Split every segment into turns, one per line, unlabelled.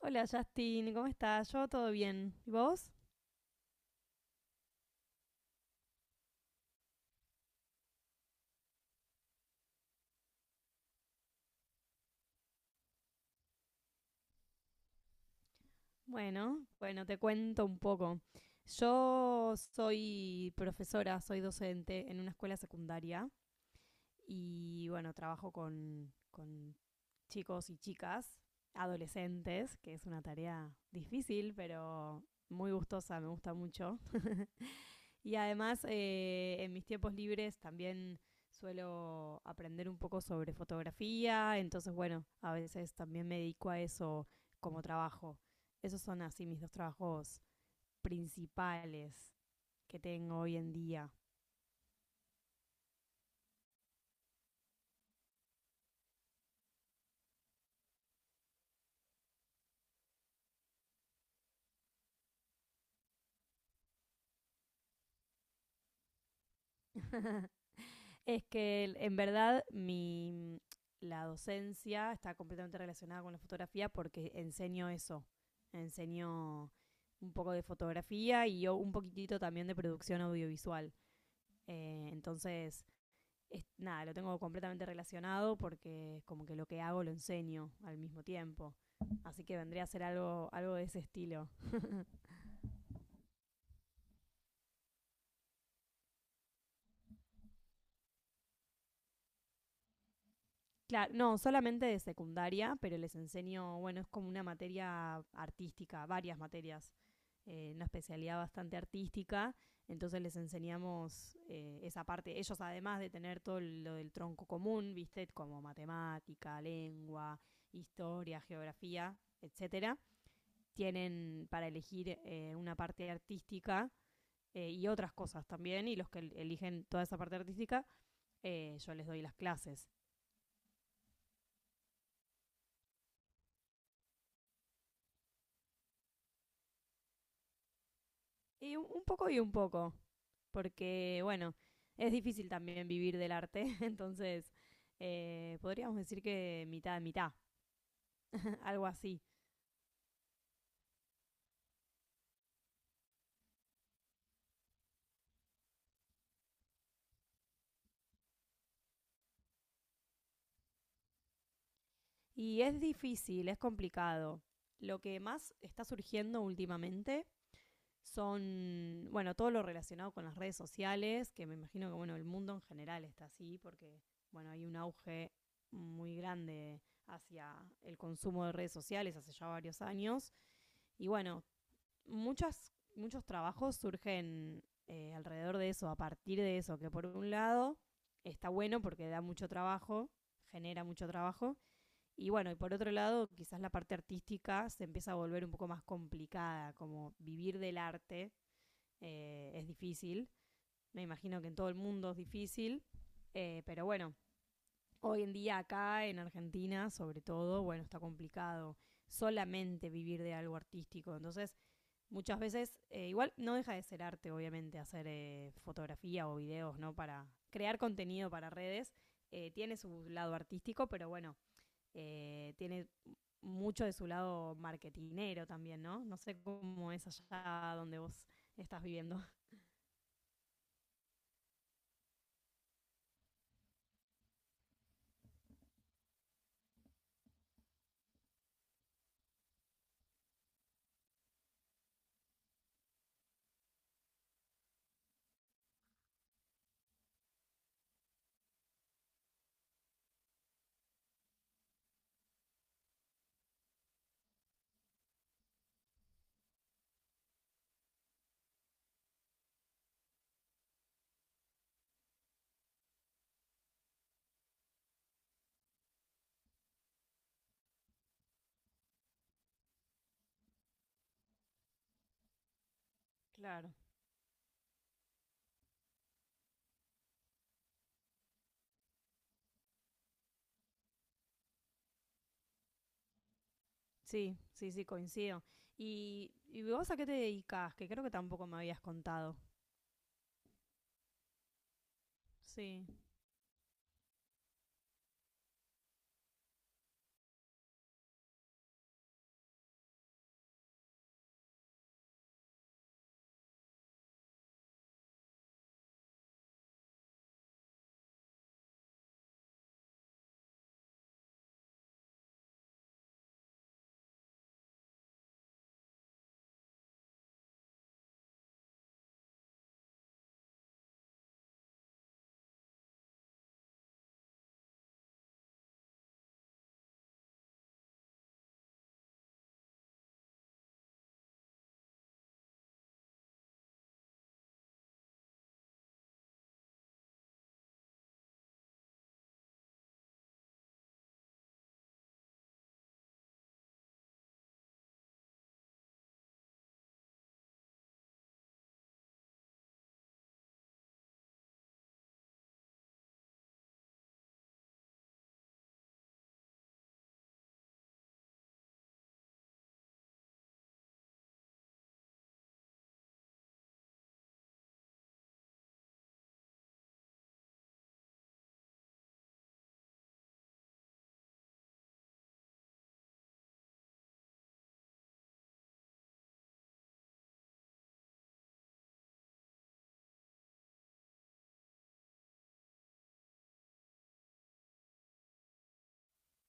Hola Justin, ¿cómo estás? Yo todo bien. ¿Y vos? Bueno, te cuento un poco. Yo soy profesora, soy docente en una escuela secundaria y bueno, trabajo con chicos y chicas, adolescentes, que es una tarea difícil, pero muy gustosa, me gusta mucho. Y además, en mis tiempos libres también suelo aprender un poco sobre fotografía, entonces bueno, a veces también me dedico a eso como trabajo. Esos son así mis dos trabajos principales que tengo hoy en día. Es que en verdad mi, la docencia está completamente relacionada con la fotografía porque enseño eso, enseño un poco de fotografía y yo un poquitito también de producción audiovisual. Entonces, nada, lo tengo completamente relacionado porque es como que lo que hago lo enseño al mismo tiempo. Así que vendría a ser algo de ese estilo. Claro, no, solamente de secundaria, pero les enseño, bueno, es como una materia artística, varias materias, una especialidad bastante artística. Entonces les enseñamos esa parte. Ellos, además de tener todo lo del tronco común, ¿viste? Como matemática, lengua, historia, geografía, etcétera tienen para elegir una parte artística y otras cosas también, y los que eligen toda esa parte artística, yo les doy las clases. Y un poco y un poco, porque bueno, es difícil también vivir del arte, entonces podríamos decir que mitad, de mitad, algo así. Y es difícil, es complicado. Lo que más está surgiendo últimamente son, bueno, todo lo relacionado con las redes sociales, que me imagino que, bueno, el mundo en general está así, porque, bueno, hay un auge muy grande hacia el consumo de redes sociales hace ya varios años. Y bueno, muchos trabajos surgen alrededor de eso, a partir de eso, que por un lado está bueno porque da mucho trabajo, genera mucho trabajo, y bueno, y por otro lado, quizás la parte artística se empieza a volver un poco más complicada, como vivir del arte es difícil. Me imagino que en todo el mundo es difícil. Pero bueno, hoy en día acá en Argentina, sobre todo, bueno, está complicado solamente vivir de algo artístico. Entonces, muchas veces, igual no deja de ser arte, obviamente, hacer fotografía o videos, ¿no? Para crear contenido para redes. Tiene su lado artístico, pero bueno, tiene mucho de su lado marketinero también, ¿no? No sé cómo es allá donde vos estás viviendo. Claro. Sí, sí, sí, coincido. ¿Y vos a qué te dedicas? Que creo que tampoco me habías contado. Sí.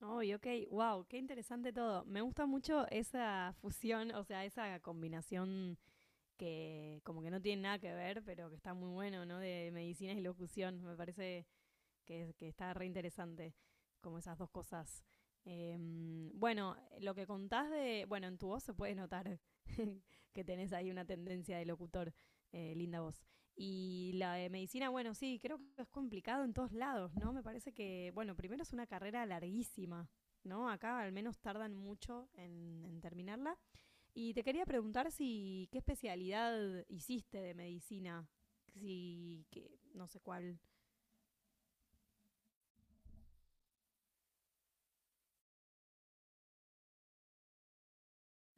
Ay, ok, wow, qué interesante todo. Me gusta mucho esa fusión, o sea, esa combinación que como que no tiene nada que ver, pero que está muy bueno, ¿no? De medicinas y locución. Me parece que está re interesante, como esas dos cosas. Eh, bueno, lo que contás de. Bueno, en tu voz se puede notar que tenés ahí una tendencia de locutor, linda voz. Y la de medicina, bueno, sí, creo que es complicado en todos lados, ¿no? Me parece que, bueno, primero es una carrera larguísima, ¿no? Acá al menos tardan mucho en terminarla. Y te quería preguntar si qué especialidad hiciste de medicina, si que no sé cuál.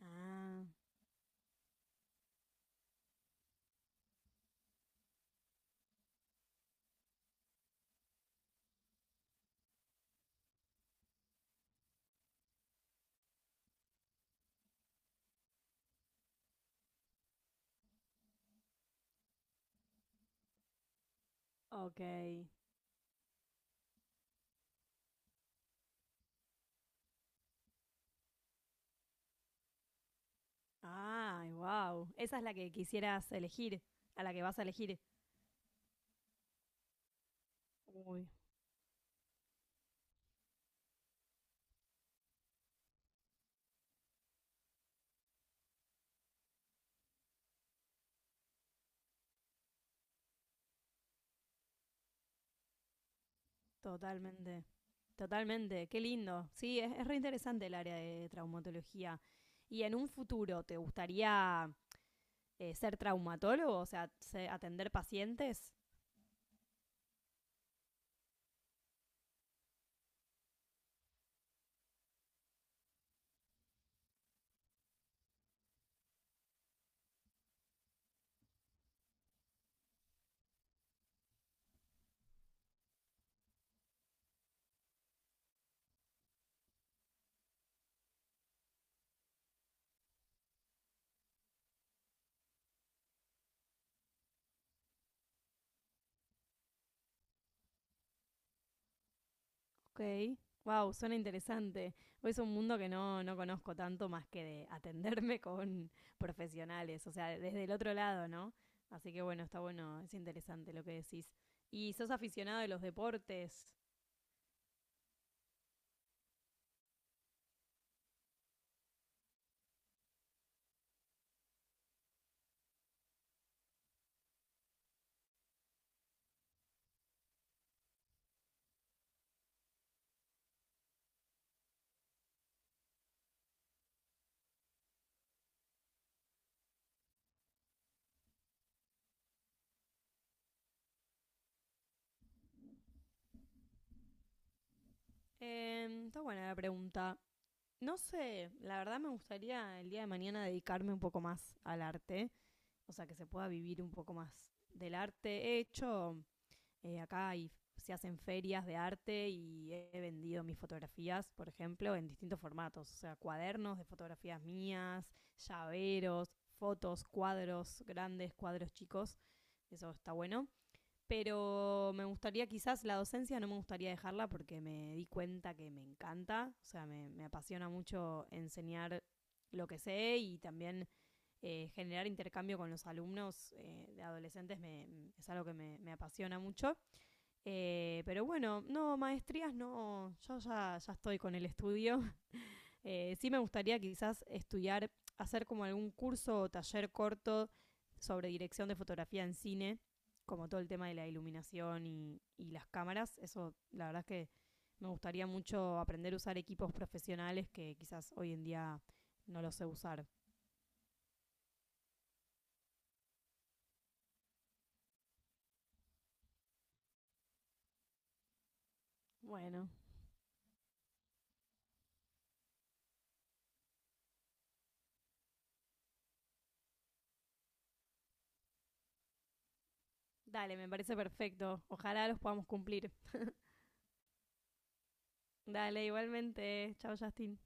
Ah, ok. Ay, wow. Esa es la que quisieras elegir, a la que vas a elegir. Uy, totalmente. Totalmente. Qué lindo. Sí, es re interesante el área de traumatología. ¿Y en un futuro te gustaría ser traumatólogo? O sea, atender pacientes. Ok. Wow, suena interesante. Es un mundo que no conozco tanto más que de atenderme con profesionales, o sea, desde el otro lado, ¿no? Así que bueno, está bueno, es interesante lo que decís. ¿Y sos aficionado de los deportes? Está buena la pregunta. No sé, la verdad me gustaría el día de mañana dedicarme un poco más al arte, o sea, que se pueda vivir un poco más del arte. He hecho acá y se hacen ferias de arte y he vendido mis fotografías, por ejemplo, en distintos formatos, o sea, cuadernos de fotografías mías, llaveros, fotos, cuadros grandes, cuadros chicos, eso está bueno. Pero me gustaría quizás la docencia, no me gustaría dejarla porque me di cuenta que me encanta, o sea, me apasiona mucho enseñar lo que sé y también generar intercambio con los alumnos de adolescentes me, es algo que me apasiona mucho. Pero bueno, no, maestrías no, yo ya estoy con el estudio. Sí me gustaría quizás estudiar, hacer como algún curso o taller corto sobre dirección de fotografía en cine, como todo el tema de la iluminación y las cámaras. Eso, la verdad es que me gustaría mucho aprender a usar equipos profesionales que quizás hoy en día no los sé usar. Bueno, dale, me parece perfecto. Ojalá los podamos cumplir. Dale, igualmente. Chao, Justin.